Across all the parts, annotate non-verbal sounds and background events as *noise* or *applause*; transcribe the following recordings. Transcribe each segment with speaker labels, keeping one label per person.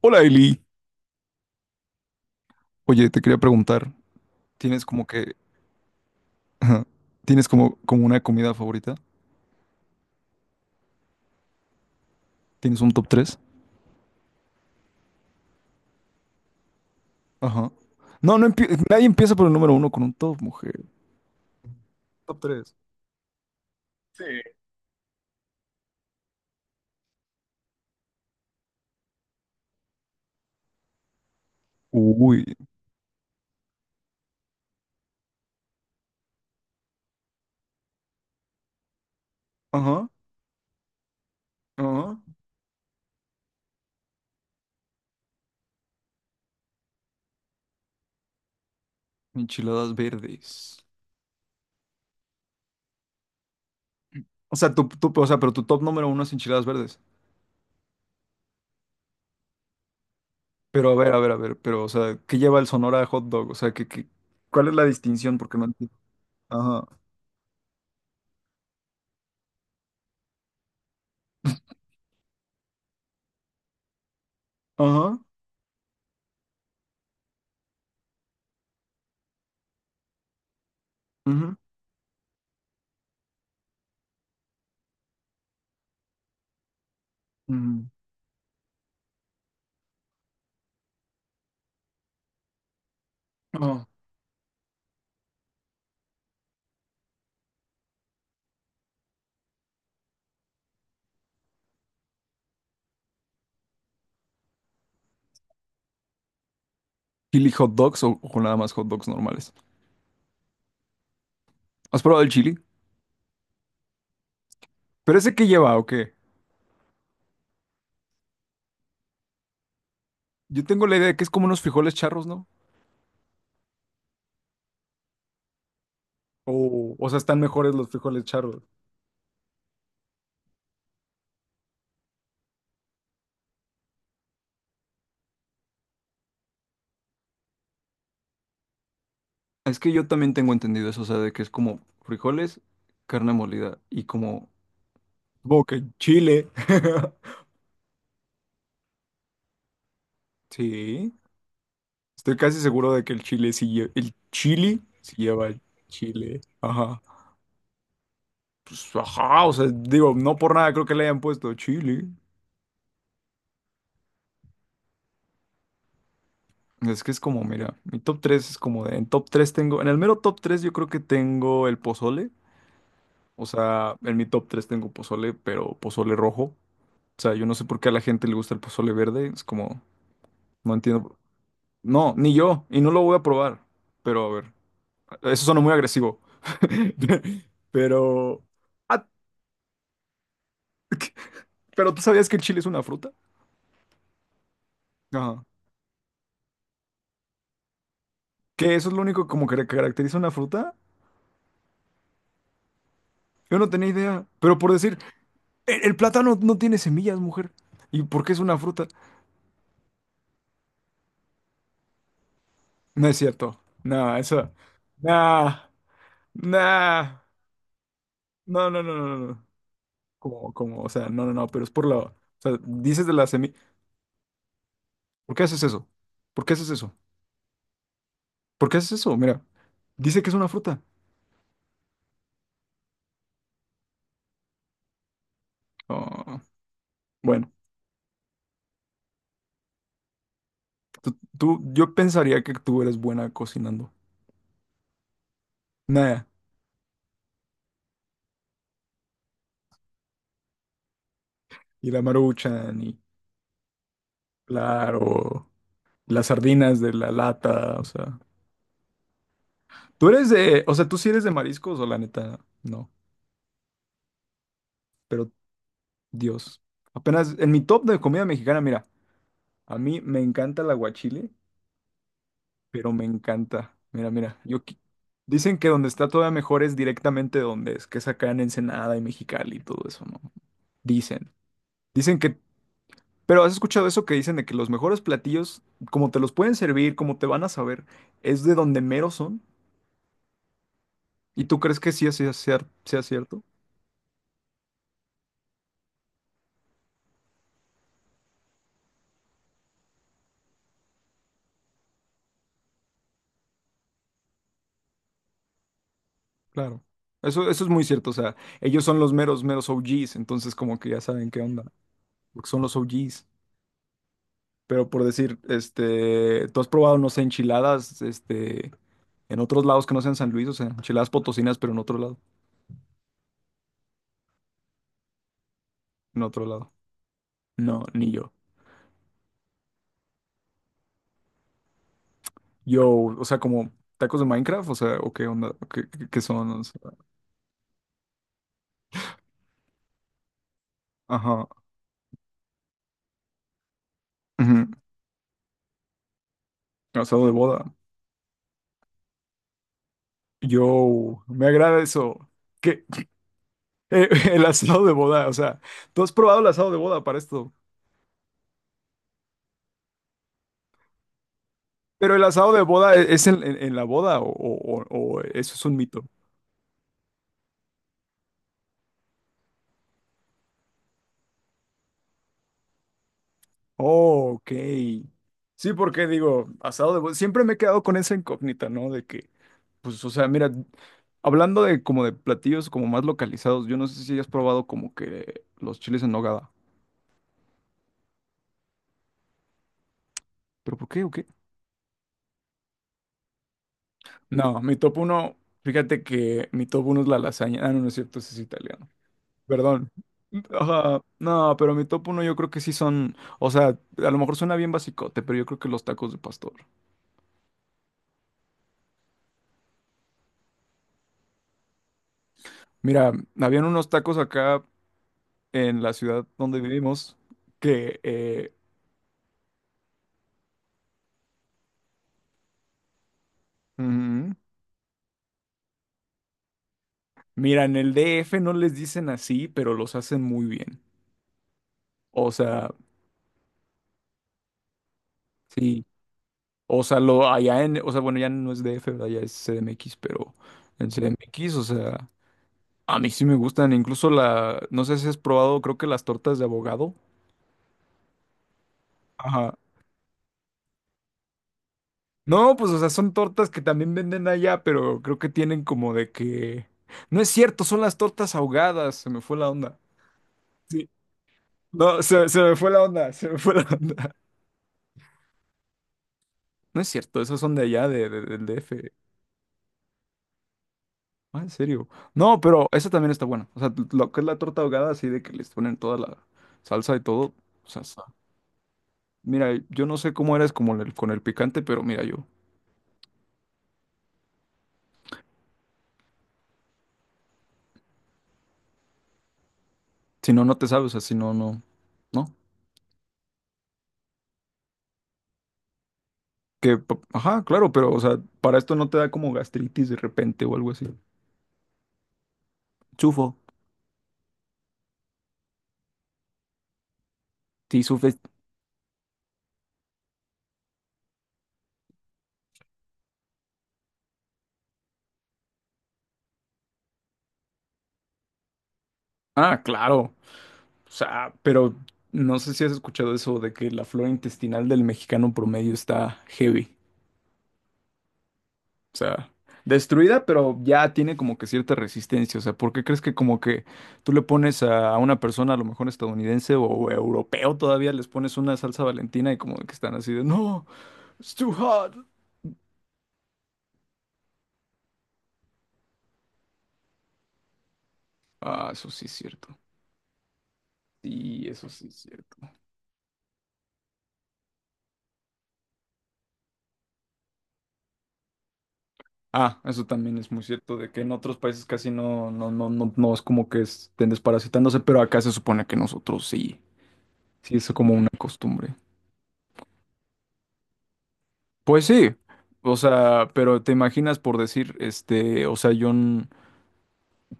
Speaker 1: Hola Eli, oye, te quería preguntar, ¿tienes como que, ajá, tienes como, como una comida favorita? ¿Tienes un top tres? Ajá. Nadie empieza por el número uno con un top, mujer. Top tres. Uy. Ajá, ajá. Enchiladas verdes. O sea, o sea, pero tu top número uno es enchiladas verdes. Pero a ver, a ver, a ver, pero, o sea, ¿qué lleva el Sonora hot dog? O sea, ¿cuál es la distinción? Porque no entiendo. Ajá, ajá, ujú, ujú, ajá. ¿Chili hot dogs o nada más hot dogs normales? ¿Has probado el chili? ¿Pero ese qué lleva o qué? Yo tengo la idea de que es como unos frijoles charros, ¿no? O sea, están mejores los frijoles charros. Es que yo también tengo entendido eso, o sea, de que es como frijoles, carne molida y como... Supongo que el chile. *laughs* Sí. Estoy casi seguro de que el chile sí lleva. El chili sí lleva chile. Ajá. Pues ajá. O sea, digo, no por nada creo que le hayan puesto chile. Es que es como, mira, mi top 3 es como de. En top 3 tengo. En el mero top 3 yo creo que tengo el pozole. O sea, en mi top 3 tengo pozole, pero pozole rojo. O sea, yo no sé por qué a la gente le gusta el pozole verde. Es como, no entiendo. No, ni yo. Y no lo voy a probar. Pero a ver, eso suena muy agresivo. *laughs* Pero... Ah, pero ¿tú sabías que el chile es una fruta? Ajá. Que eso es lo único como que caracteriza una fruta. Yo no tenía idea. Pero por decir, el plátano no tiene semillas, mujer. ¿Y por qué es una fruta? No es cierto. No, eso... Nah. Nah. No, no, no, no, no, no. Como, como, o sea, no, no, no, pero es por la, o sea, dices de la semilla, ¿por qué haces eso? ¿Por qué haces eso? ¿Por qué haces eso? Mira, dice que es una fruta. Ah, bueno, yo pensaría que tú eres buena cocinando. Nada, y la maruchan, y claro, las sardinas de la lata, o sea, tú eres de, o sea, tú sí eres de mariscos o la neta, no, pero Dios, apenas en mi top de comida mexicana, mira, a mí me encanta el aguachile, pero me encanta. Mira, mira, dicen que donde está todavía mejor es directamente donde es, que es acá en Ensenada y Mexicali y todo eso, ¿no? Dicen. Dicen que, pero has escuchado eso que dicen de que los mejores platillos, como te los pueden servir, como te van a saber, es de donde mero son. ¿Y tú crees que sea, sea cierto? Claro. Eso es muy cierto, o sea, ellos son los meros, meros OGs, entonces como que ya saben qué onda, porque son los OGs. Pero por decir, este, tú has probado, no sé, enchiladas, este, en otros lados que no sean San Luis, o sea, enchiladas potosinas, pero en otro lado. En otro lado. No, ni yo. Yo, o sea, como tacos de Minecraft, o sea, o qué onda, ¿qué son? O sea, ajá, ujú. Asado de boda. Yo, me agrada eso. ¿Qué? *laughs* Eh, el asado de boda, o sea, tú has probado el asado de boda para esto. Pero el asado de boda es en en la boda o o eso es un mito. Oh, ok. Sí, porque digo, asado de... Siempre me he quedado con esa incógnita, ¿no? De que, pues, o sea, mira, hablando de como de platillos como más localizados, yo no sé si has probado como que los chiles en nogada. ¿Pero por qué o qué? No, mi top uno, fíjate que mi top uno es la lasaña. Ah, no, no es cierto, ese es italiano. Perdón. Ajá, no, pero mi top uno yo creo que sí son, o sea, a lo mejor suena bien basicote, pero yo creo que los tacos de pastor. Mira, habían unos tacos acá en la ciudad donde vivimos que mm, mira, en el DF no les dicen así, pero los hacen muy bien. O sea, sí. O sea, lo allá en, o sea, bueno, ya no es DF, ¿verdad? Ya es CDMX, pero en CDMX, o sea, a mí sí me gustan. Incluso la, no sé si has probado, creo que las tortas de abogado. Ajá. No, pues, o sea, son tortas que también venden allá, pero creo que tienen como de que. No es cierto, son las tortas ahogadas, se me fue la onda. No, se me fue la onda, se me fue la onda. No es cierto, esos son de allá, de, del DF. Ah, ¿en serio? No, pero esa también está buena. O sea, lo que es la torta ahogada, así de que les ponen toda la salsa y todo. O sea, mira, yo no sé cómo eres como con el picante, pero mira, yo. Si no, no te sabes, o sea, si no, no. No. Que, ajá, claro, pero, o sea, para esto no te da como gastritis de repente o algo así. Sufo. Sí, sufes. Ah, claro. O sea, pero no sé si has escuchado eso de que la flora intestinal del mexicano promedio está heavy. O sea, destruida, pero ya tiene como que cierta resistencia. O sea, ¿por qué crees que como que tú le pones a una persona, a lo mejor estadounidense o europeo todavía, les pones una salsa Valentina y como que están así de, no, it's too hot? Ah, eso sí es cierto. Sí, eso sí es cierto. Ah, eso también es muy cierto, de que en otros países casi no, no, no, no, no es como que estén desparasitándose, pero acá se supone que nosotros sí. Sí, eso como una costumbre. Pues sí, o sea, pero te imaginas por decir, este, o sea, John.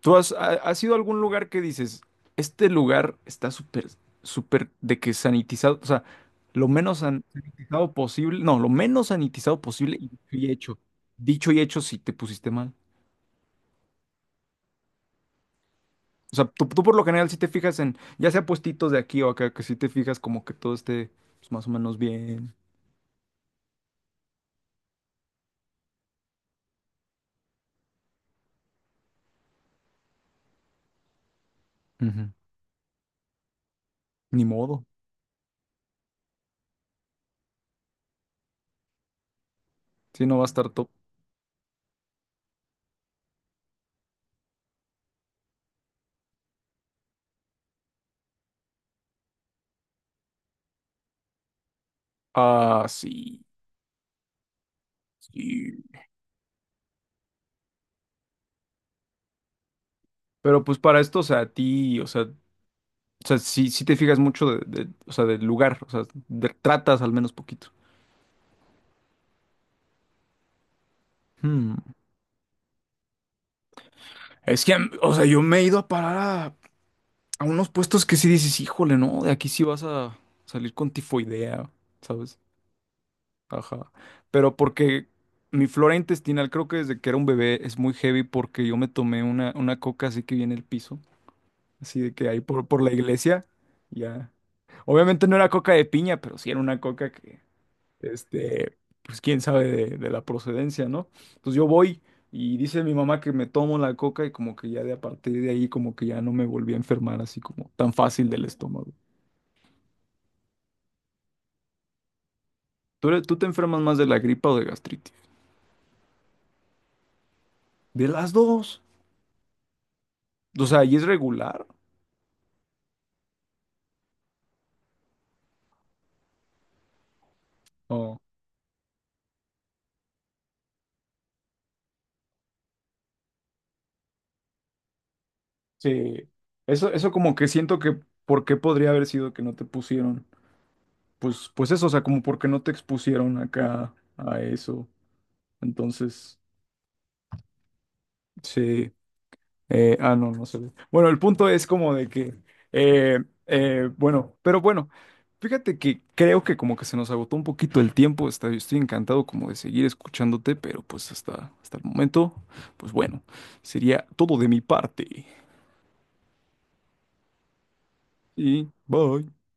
Speaker 1: ¿Tú has, has ido a algún lugar que dices, este lugar está súper, súper de que sanitizado, o sea, lo menos sanitizado posible, no, lo menos sanitizado posible y dicho y hecho? Dicho y hecho si te pusiste mal. O sea, tú por lo general si te fijas en, ya sea puestitos de aquí o acá, que si te fijas como que todo esté pues, más o menos bien. Ujú. Ni modo, si no va a estar top. Ah, sí. Y- Pero pues para esto, o sea, a ti, o sea, sí, sí te fijas mucho de, o sea, del lugar, o sea, tratas al menos poquito. Hmm. Es que, mm, o sea, yo me he ido a parar a unos puestos que sí dices, híjole, no, de aquí sí vas a salir con tifoidea, ¿sabes? Ajá. Pero porque mi flora intestinal, creo que desde que era un bebé, es muy heavy porque yo me tomé una coca así que viene el piso, así de que ahí por la iglesia, ya. Obviamente no era coca de piña, pero sí era una coca que... este, pues quién sabe de la procedencia, ¿no? Entonces yo voy y dice mi mamá que me tomo la coca y como que ya de a partir de ahí como que ya no me volví a enfermar así como tan fácil del estómago. ¿Tú, tú te enfermas más de la gripa o de gastritis? De las dos. O sea, ¿y es regular? Oh, sí. Eso como que siento que, ¿por qué podría haber sido que no te pusieron? Pues, pues eso, o sea, como porque no te expusieron acá a eso. Entonces, sí. Ah, no, no se ve. Bueno, el punto es como de que, bueno, pero bueno, fíjate que creo que como que se nos agotó un poquito el tiempo. Está, estoy encantado como de seguir escuchándote, pero pues hasta, hasta el momento, pues bueno, sería todo de mi parte. Y bye.